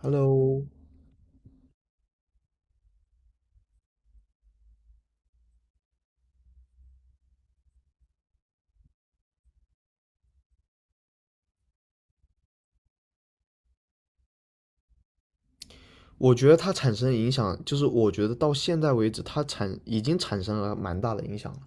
Hello，我觉得它产生影响，就是我觉得到现在为止，它已经产生了蛮大的影响了。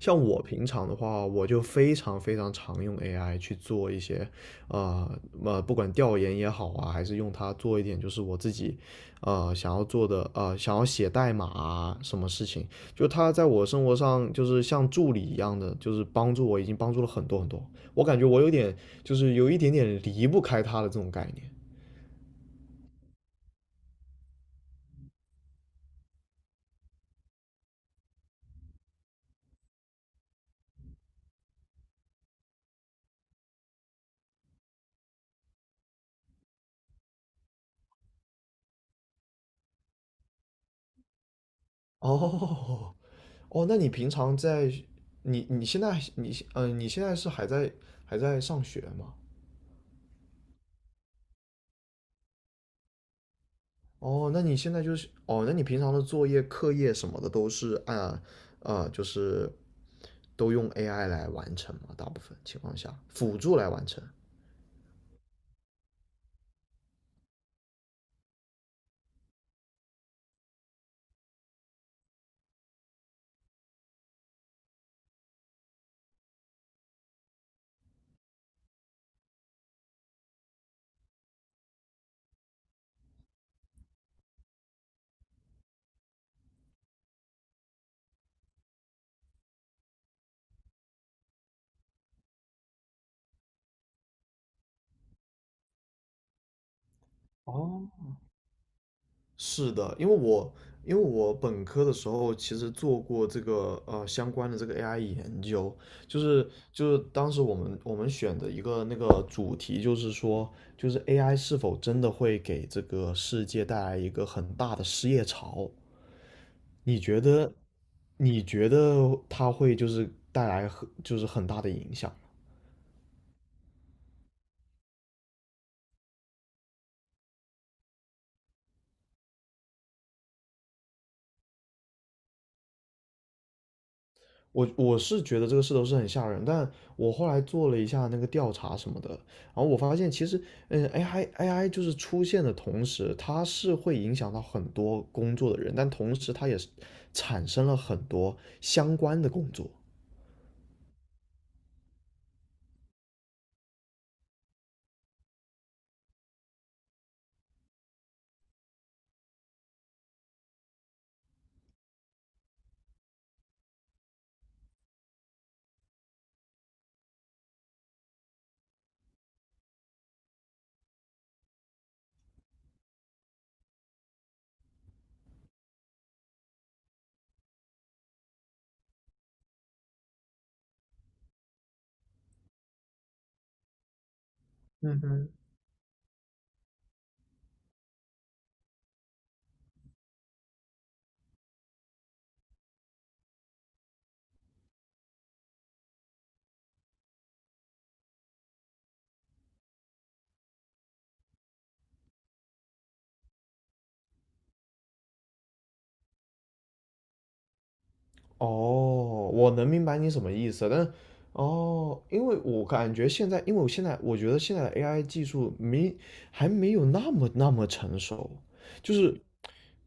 像我平常的话，我就非常非常常用 AI 去做一些，呃不管调研也好啊，还是用它做一点就是我自己，想要做的，想要写代码啊，什么事情，就它在我生活上就是像助理一样的，就是帮助我，已经帮助了很多很多。我感觉我有点就是有一点点离不开它的这种概念。哦，哦，那你平常在你你现在你嗯、呃、你现在是还在上学吗？哦，那你现在就是哦，那你平常的作业、课业什么的都是按呃就是都用 AI 来完成吗？大部分情况下辅助来完成。哦。是的，因为我本科的时候其实做过这个相关的这个 AI 研究，就是当时我们选的一个那个主题就是说，就是 AI 是否真的会给这个世界带来一个很大的失业潮？你觉得你觉得它会就是带来很就是很大的影响？我是觉得这个势头是很吓人，但我后来做了一下那个调查什么的，然后我发现其实，嗯，AI 就是出现的同时，它是会影响到很多工作的人，但同时它也是产生了很多相关的工作。嗯哼，哦，我能明白你什么意思，因为我感觉现在，我觉得现在的 AI 技术没还没有那么那么成熟，就是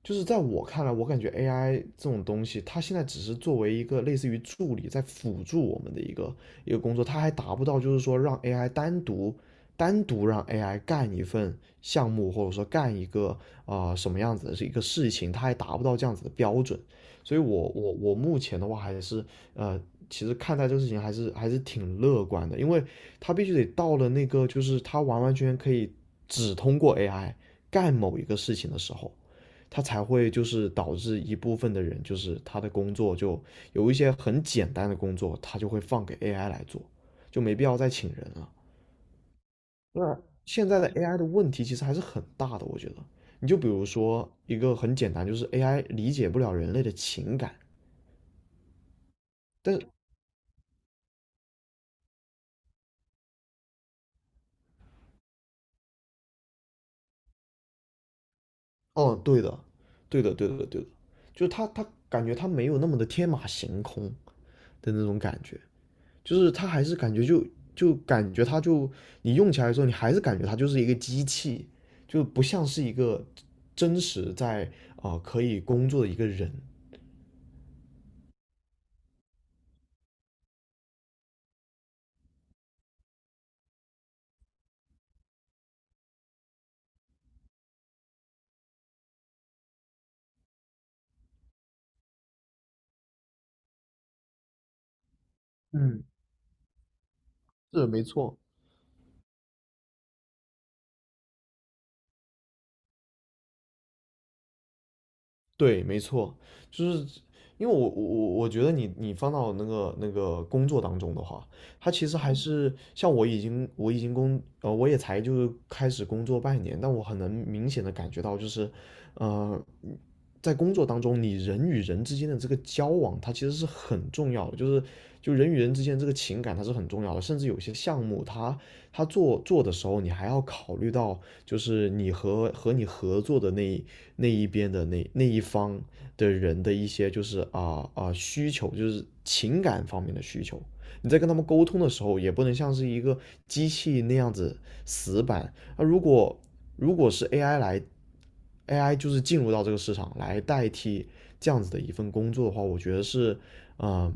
就是在我看来，我感觉 AI 这种东西，它现在只是作为一个类似于助理，在辅助我们的一个一个工作，它还达不到就是说让 AI 单独 干一份项目，或者说干一个什么样子的一个事情，它还达不到这样子的标准。所以我目前的话还是呃，其实看待这个事情还是挺乐观的，因为它必须得到了那个就是它完完全全可以只通过 AI 干某一个事情的时候。它才会就是导致一部分的人，就是他的工作就有一些很简单的工作，他就会放给 AI 来做，就没必要再请人了。那现在的 AI 的问题其实还是很大的，我觉得。你就比如说一个很简单，就是 AI 理解不了人类的情感，但是，哦，对的，对的，对的，对的，就他感觉他没有那么的天马行空的那种感觉。就是它还是感觉就感觉你用起来的时候，你还是感觉它就是一个机器，就不像是一个真实在可以工作的一个人。嗯，是没错。对，没错，就是因为我觉得你放到那个工作当中的话，它其实还是像我已经我已经工呃我也才开始工作半年，但我很能明显的感觉到就是，呃，在工作当中你人与人之间的这个交往，它其实是很重要的，就人与人之间这个情感它是很重要的，甚至有些项目他做做的时候，你还要考虑到，就是你和你合作的那一边的那一方的人的一些，就是需求，就是情感方面的需求。你在跟他们沟通的时候，也不能像是一个机器那样子死板。那如果是 AI 就是进入到这个市场来代替这样子的一份工作的话，我觉得是，嗯、呃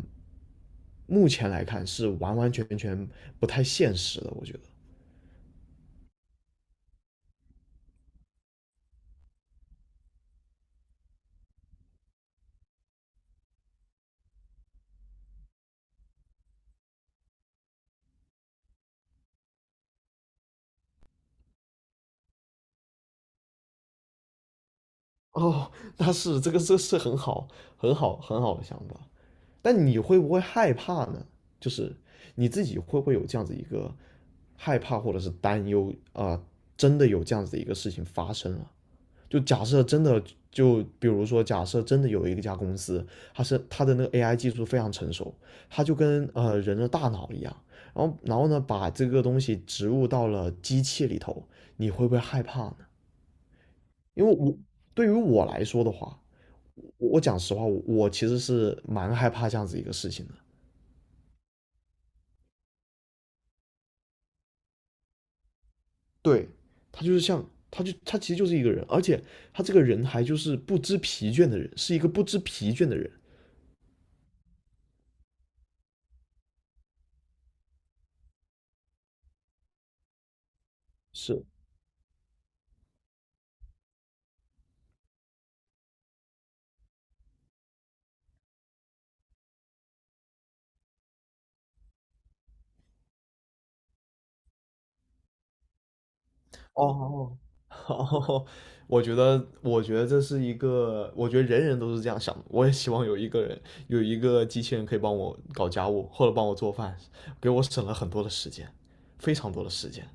目前来看是完完全全不太现实的，我觉得。哦，那是这个，这是很好，很好，很好的想法。但你会不会害怕呢？就是你自己会不会有这样子一个害怕或者是担忧真的有这样子的一个事情发生了？就假设真的，就比如说，假设真的有一家公司，它的那个 AI 技术非常成熟，它就跟人的大脑一样，然后呢，把这个东西植入到了机器里头，你会不会害怕呢？因为我对于我来说的话，我讲实话，我其实是蛮害怕这样子一个事情的。对，他就是像，他其实就是一个人，而且他这个人还就是不知疲倦的人，是一个不知疲倦的人。是，哦，哦哦，我觉得，我觉得这是一个，我觉得人人都是这样想的。我也希望有一个机器人可以帮我搞家务，或者帮我做饭，给我省了很多的时间，非常多的时间。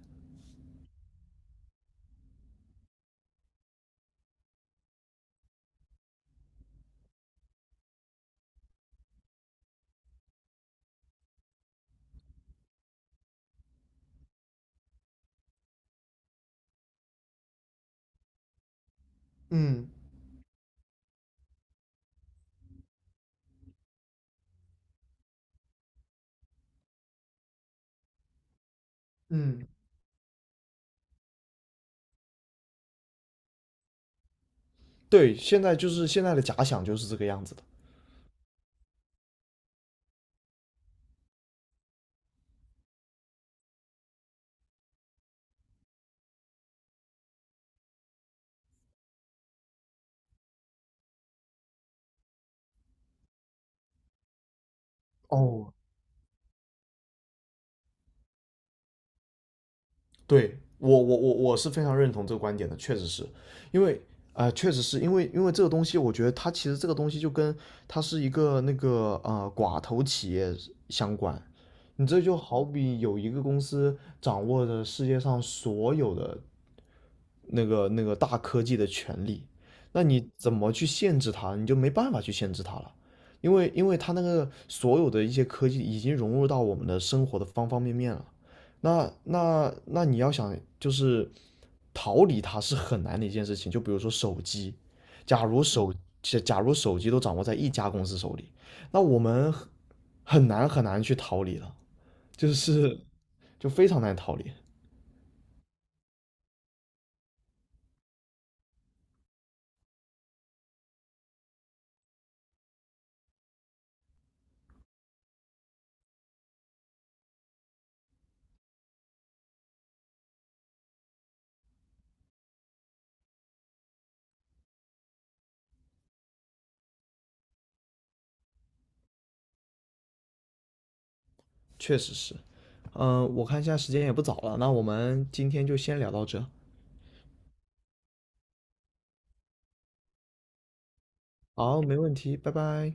嗯嗯，对，现在的假想就是这个样子的。哦，对我是非常认同这个观点的，因为确实是因为这个东西，我觉得它其实这个东西就跟它是一个寡头企业相关。你这就好比有一个公司掌握着世界上所有的那个大科技的权利，那你怎么去限制它？你就没办法去限制它了。因为它那个所有的一些科技已经融入到我们的生活的方方面面了，那你要想，就是逃离它是很难的一件事情。就比如说手机，假如手假如手机都掌握在一家公司手里，那我们很难很难去逃离了，就是 就非常难逃离，确实是。嗯，我看现在时间也不早了，那我们今天就先聊到这。好，没问题，拜拜。